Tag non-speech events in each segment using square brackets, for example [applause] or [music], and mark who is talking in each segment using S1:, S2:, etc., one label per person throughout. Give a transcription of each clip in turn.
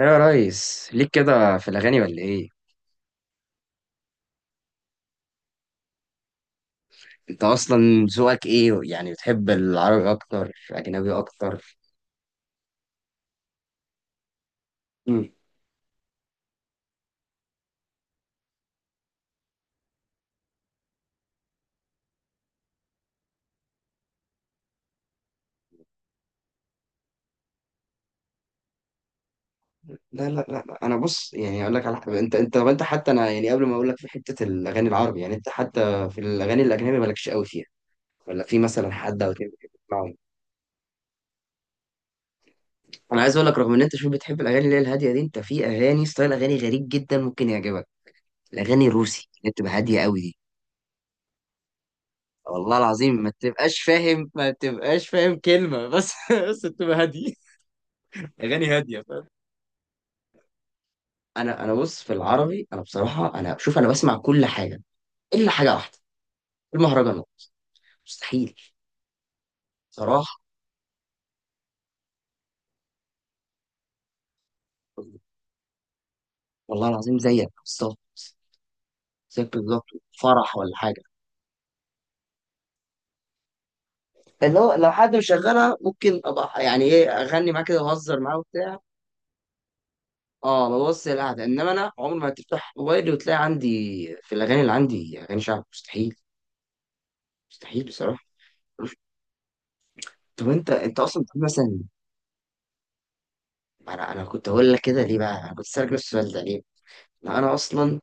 S1: ايه يا ريس ليك كده في الاغاني ولا ايه؟ انت اصلا ذوقك ايه؟ يعني بتحب العربي اكتر اجنبي اكتر؟ مم. لا لا لا لا، انا بص يعني اقول لك على حاجه. انت طب انت حتى انا يعني قبل ما اقول لك في حته الاغاني العربي، يعني انت حتى في الاغاني الاجنبي مالكش قوي فيها، ولا في مثلا حد او اتنين بتحب تسمعهم؟ انا عايز اقول لك رغم ان انت شو بتحب الاغاني اللي هي الهاديه دي، انت في اغاني ستايل اغاني غريب جدا ممكن يعجبك. الاغاني الروسي اللي بتبقى هاديه قوي دي، والله العظيم ما تبقاش فاهم، ما تبقاش فاهم كلمه بس [laughs] بس تبقى هاديه. اغاني هاديه، فاهم. انا بص، في العربي انا بصراحه انا شوف انا بسمع كل حاجه الا حاجه واحده: المهرجانات. مستحيل. صراحه. والله العظيم زيك بالظبط. زيك بالظبط. فرح ولا حاجه، اللي هو لو حد مشغلها ممكن ابقى يعني ايه اغني معاه كده واهزر معاه وبتاع. اه ببص القعده، انما انا عمري ما هتفتح موبايلي وتلاقي عندي، في الاغاني اللي عندي، اغاني شعب. مستحيل. مستحيل بصراحه. طب انت اصلا بتحب مثلا؟ انا كنت هقول لك كده ليه بقى، انا كنت اسالك نفس السؤال ده ليه؟ لا انا اصلا.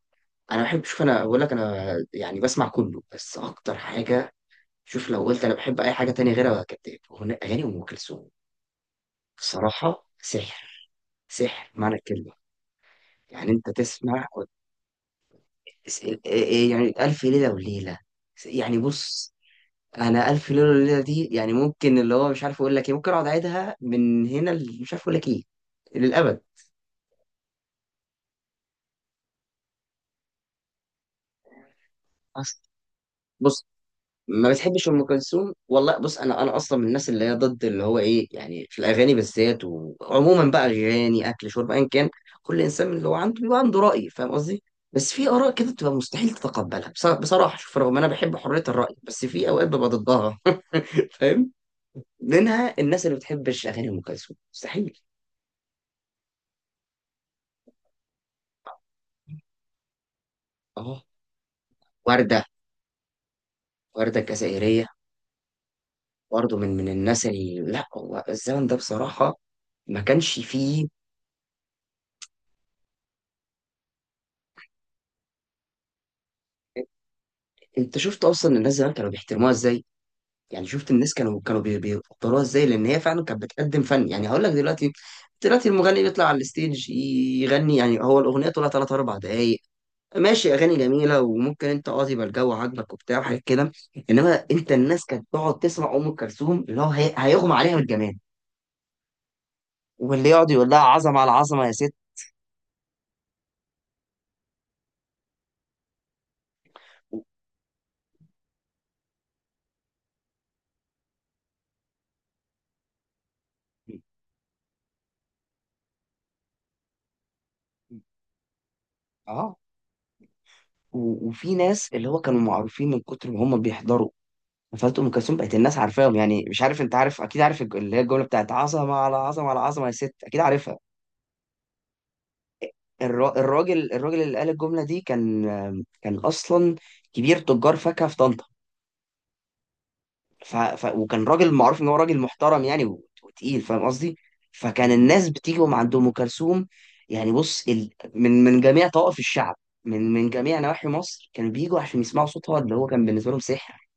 S1: انا بحب، شوف انا بقول لك، انا يعني بسمع كله بس اكتر حاجه، شوف لو قلت انا بحب اي حاجه تانية غيرها كداب، اغاني ام كلثوم. بصراحه سحر. سحر معنى الكلمه. يعني انت تسمع إيه، يعني الف ليله وليله. يعني بص، انا الف ليله وليله دي يعني ممكن اللي هو مش عارف اقول لك ايه، ممكن اقعد اعيدها من هنا مش عارف اقول لك ايه، للابد. أصل. بص. ما بتحبش ام كلثوم؟ والله بص، انا اصلا من الناس اللي هي ضد اللي هو ايه يعني في الاغاني بالذات، وعموما بقى اغاني اكل شرب ايا كان، كل انسان اللي هو عنده بيبقى عنده راي، فاهم قصدي. بس في اراء كده بتبقى مستحيل تتقبلها. بصراحه، شوف، رغم انا بحب حريه الراي بس في اوقات ببقى ضدها. [laughs] فاهم؟ منها الناس اللي بتحبش اغاني ام كلثوم، مستحيل. اه. ورده. ورده الجزائريه. برضه من الناس اللي لا، هو الزمن ده بصراحه ما كانش فيه. انت شفت اصلا الناس زمان كانوا بيحترموها ازاي. يعني شفت الناس كانوا بيقدروها ازاي، لان هي فعلا كانت بتقدم فن. يعني هقول لك دلوقتي، دلوقتي المغني بيطلع على الستيج يغني، يعني هو الاغنيه طولها 3 4 دقائق، ماشي، اغاني جميله وممكن انت اه يبقى الجو عاجبك وبتاع وحاجات كده. انما انت الناس كانت تقعد تسمع ام كلثوم اللي هو هيغمى عليها بالجمال، واللي يقعد يقول لها عظمه على عظمه يا ست. اه، وفي ناس اللي هو كانوا معروفين من كتر ما هم بيحضروا فات ام كلثوم بقت الناس عارفاهم. يعني مش عارف، انت عارف اكيد، عارف اللي هي الجمله بتاعت عظمه على عظمه على عظمه يا ست، اكيد عارفها. الراجل اللي قال الجمله دي كان، كان اصلا كبير تجار فاكهه في طنطا. وكان راجل معروف ان هو راجل محترم يعني وتقيل، فاهم قصدي. فكان الناس بتيجي من عند ام كلثوم. يعني بص، ال... من جميع طوائف الشعب، من جميع نواحي مصر كانوا بيجوا عشان يسمعوا صوتها اللي هو كان بالنسبه لهم سحر.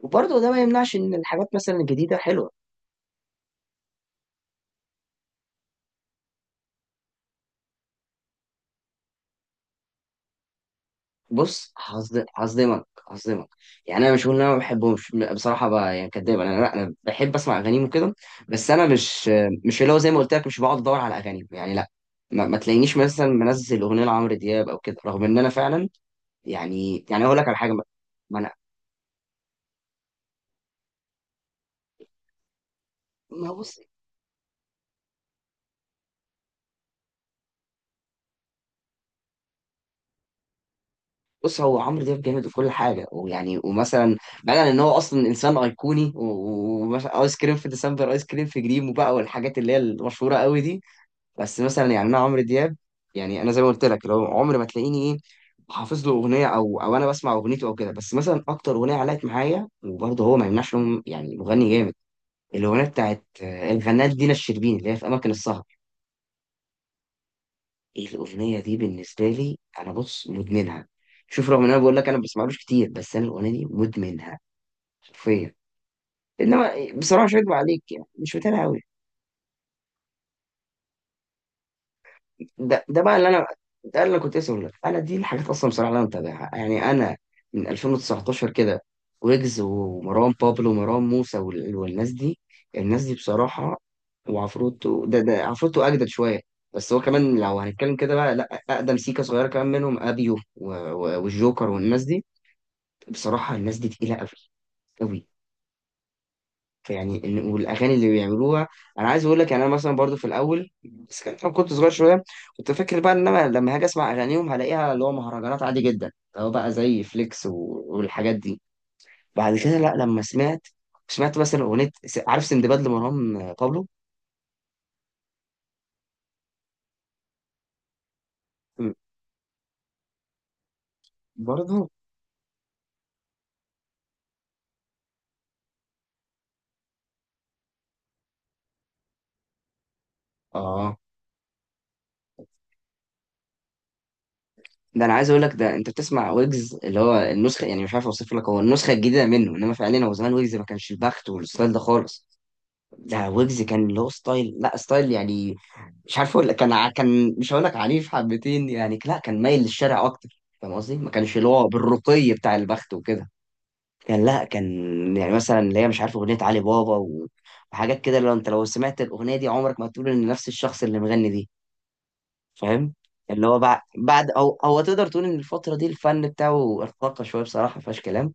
S1: وبرضه ده ما يمنعش ان الحاجات مثلا الجديده حلوه. بص، هصدمك. هصدمك يعني، انا مش هقول ان انا ما بحبهمش، بصراحه بقى يعني كداب، انا لا انا بحب اسمع اغانيهم وكده، بس انا مش، مش اللي هو زي ما قلت لك مش بقعد ادور على اغانيهم. يعني لا، ما تلاقينيش مثلا منزل اغنيه لعمرو دياب او كده، رغم ان انا فعلا يعني يعني اقول لك على حاجه. ما ما انا ما بص، بص، هو عمرو دياب جامد وكل حاجه ويعني ومثلا، بعيدا ان هو اصلا انسان ايقوني ومثلا ايس كريم في ديسمبر، ايس كريم في جريم، وبقى، والحاجات اللي هي المشهوره قوي دي. بس مثلا يعني انا عمرو دياب، يعني انا زي ما قلت لك لو عمري ما تلاقيني ايه، حافظ له اغنيه او انا بسمع اغنيته او كده. بس مثلا اكتر اغنيه علقت معايا، وبرضه هو ما يمنعش إنه يعني مغني جامد، الاغنيه بتاعت آه، الفنانه دينا الشربيني اللي هي في اماكن السهر. ايه الاغنيه دي بالنسبه لي، انا بص مدمنها. شوف، رغم ان انا بقول لك انا ما بسمعلوش كتير، بس انا الاغنيه دي مدمنها. حرفيا. انما بصراحه مش هكدب عليك، يعني مش متابع قوي. ده بقى اللي انا، ده اللي كنت اسمه لك. انا دي الحاجات اصلا بصراحه اللي انا متابعها. يعني انا من 2019 كده، ويجز ومروان بابلو ومروان موسى والناس دي. الناس دي بصراحه. وعفروتو. ده عفروتو اجدد شويه. بس هو كمان لو هنتكلم كده بقى، لا، اقدم سيكا صغيره كمان منهم ابيو والجوكر والناس دي. بصراحه الناس دي تقيله قوي. قوي. فيعني والاغاني اللي بيعملوها. انا عايز اقول لك يعني انا مثلا برضو في الاول، بس كان طبعاً كنت صغير شويه، كنت فاكر بقى ان انا لما هاجي اسمع اغانيهم هلاقيها اللي هو مهرجانات عادي جدا اللي هو بقى زي فليكس والحاجات دي. بعد كده لا، لما سمعت، سمعت مثلا اغنيه عارف سندباد لمروان بابلو. م- برضو. اه، ده انا عايز اقول لك، ده انت بتسمع ويجز اللي هو النسخه، يعني مش عارف اوصف لك، هو النسخه الجديده منه، انما فعليا هو زمان ويجز ما كانش البخت والستايل ده خالص. ده ويجز كان له ستايل، لا ستايل يعني مش عارف اقول لك، كان كان، مش هقول لك عنيف حبتين يعني لا، كان مايل للشارع اكتر، فاهم قصدي، ما كانش اللي هو بالرقي بتاع البخت وكده. كان، لا كان، يعني مثلا اللي هي مش عارف اغنيه علي بابا وحاجات كده، لو انت لو سمعت الاغنيه دي عمرك ما تقول ان نفس الشخص اللي مغني دي. فاهم. اللي هو بعد او هو تقدر تقول ان الفتره دي الفن بتاعه ارتقى شويه بصراحه ما فيهاش كلام.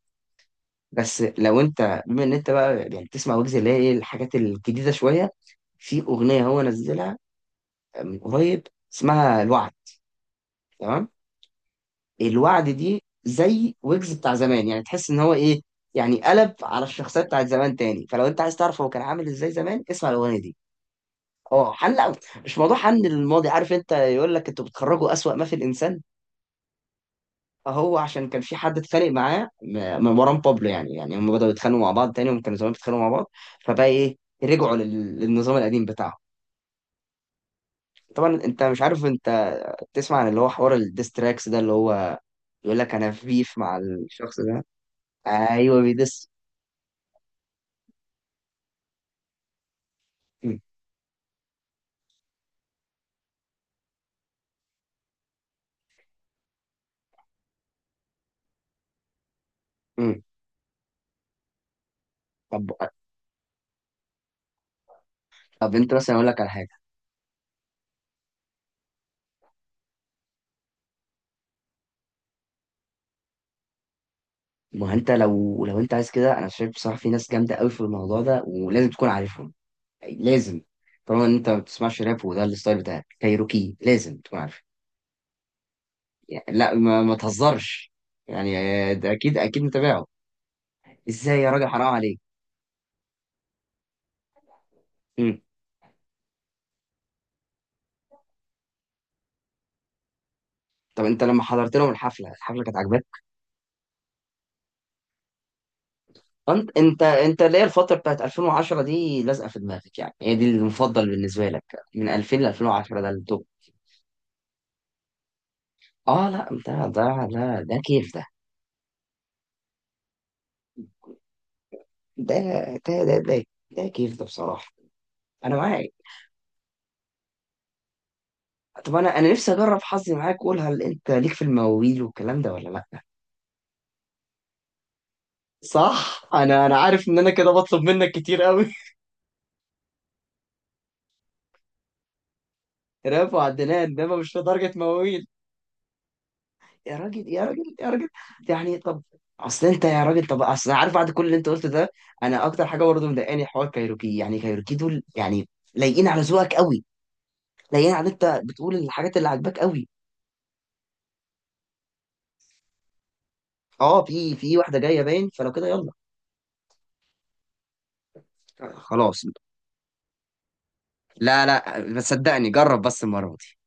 S1: بس لو انت بما ان انت بقى يعني بتسمع ويجز اللي هي ايه الحاجات الجديده شويه، في اغنيه هو نزلها من قريب اسمها الوعد. تمام. الوعد دي زي ويجز بتاع زمان، يعني تحس ان هو ايه، يعني قلب على الشخصيه بتاعت زمان تاني. فلو انت عايز تعرف هو كان عامل ازاي زمان اسمع الاغنيه دي. اه حن لا، مش موضوع حن للماضي، عارف، انت يقول لك انتوا بتخرجوا اسوأ ما في الانسان. هو عشان كان في حد اتخانق معاه، من مروان بابلو. يعني هم بدأوا يتخانقوا مع بعض تاني، هم كانوا زمان بيتخانقوا مع بعض. فبقى ايه، رجعوا للنظام القديم بتاعهم. طبعا انت مش عارف، انت تسمع عن اللي هو حوار الديستراكس ده، اللي هو يقول لك انا في بيف مع الشخص ده. ايوه، بيدس. م- م. طب، طب انت مثلا اقول لك على حاجه. ما هو انت لو انت عايز كده، انا شايف بصراحه في ناس جامده قوي في الموضوع ده ولازم تكون عارفهم. لازم. طالما ان انت ما بتسمعش راب وده الستايل بتاعك، كايروكي لازم تكون عارفه. يعني لا، ما تهزرش يعني. آه، ده اكيد اكيد متابعه. ازاي يا راجل؟ حرام عليك. مم. طب انت لما حضرت لهم الحفله، الحفله كانت عاجباك؟ انت اللي هي الفتره بتاعت 2010 دي لازقه في دماغك، يعني هي دي المفضل بالنسبه لك، من 2000 ل 2010 ده التوب. اه، لا انت ده، ده كيف ده. ده ده ده ده, ده كيف ده بصراحه. انا معاك. طب انا نفسي اجرب حظي معاك، قول هل انت ليك في المواويل والكلام ده ولا لا؟ صح، انا عارف ان انا كده بطلب منك كتير قوي. رافع وعدنان انما مش لدرجه مواويل. يا راجل يا راجل يا راجل. يعني طب. اصل انت يا راجل، طب اصل أنا عارف بعد كل اللي انت قلته ده، انا اكتر حاجه برضه مضايقاني حوار كايروكي، يعني كايروكي دول يعني لايقين على ذوقك قوي، لايقين على انت بتقول الحاجات اللي عاجباك قوي. اه، في واحده جايه باين، فلو كده يلا. خلاص. لا لا، بس صدقني جرب بس المره دي.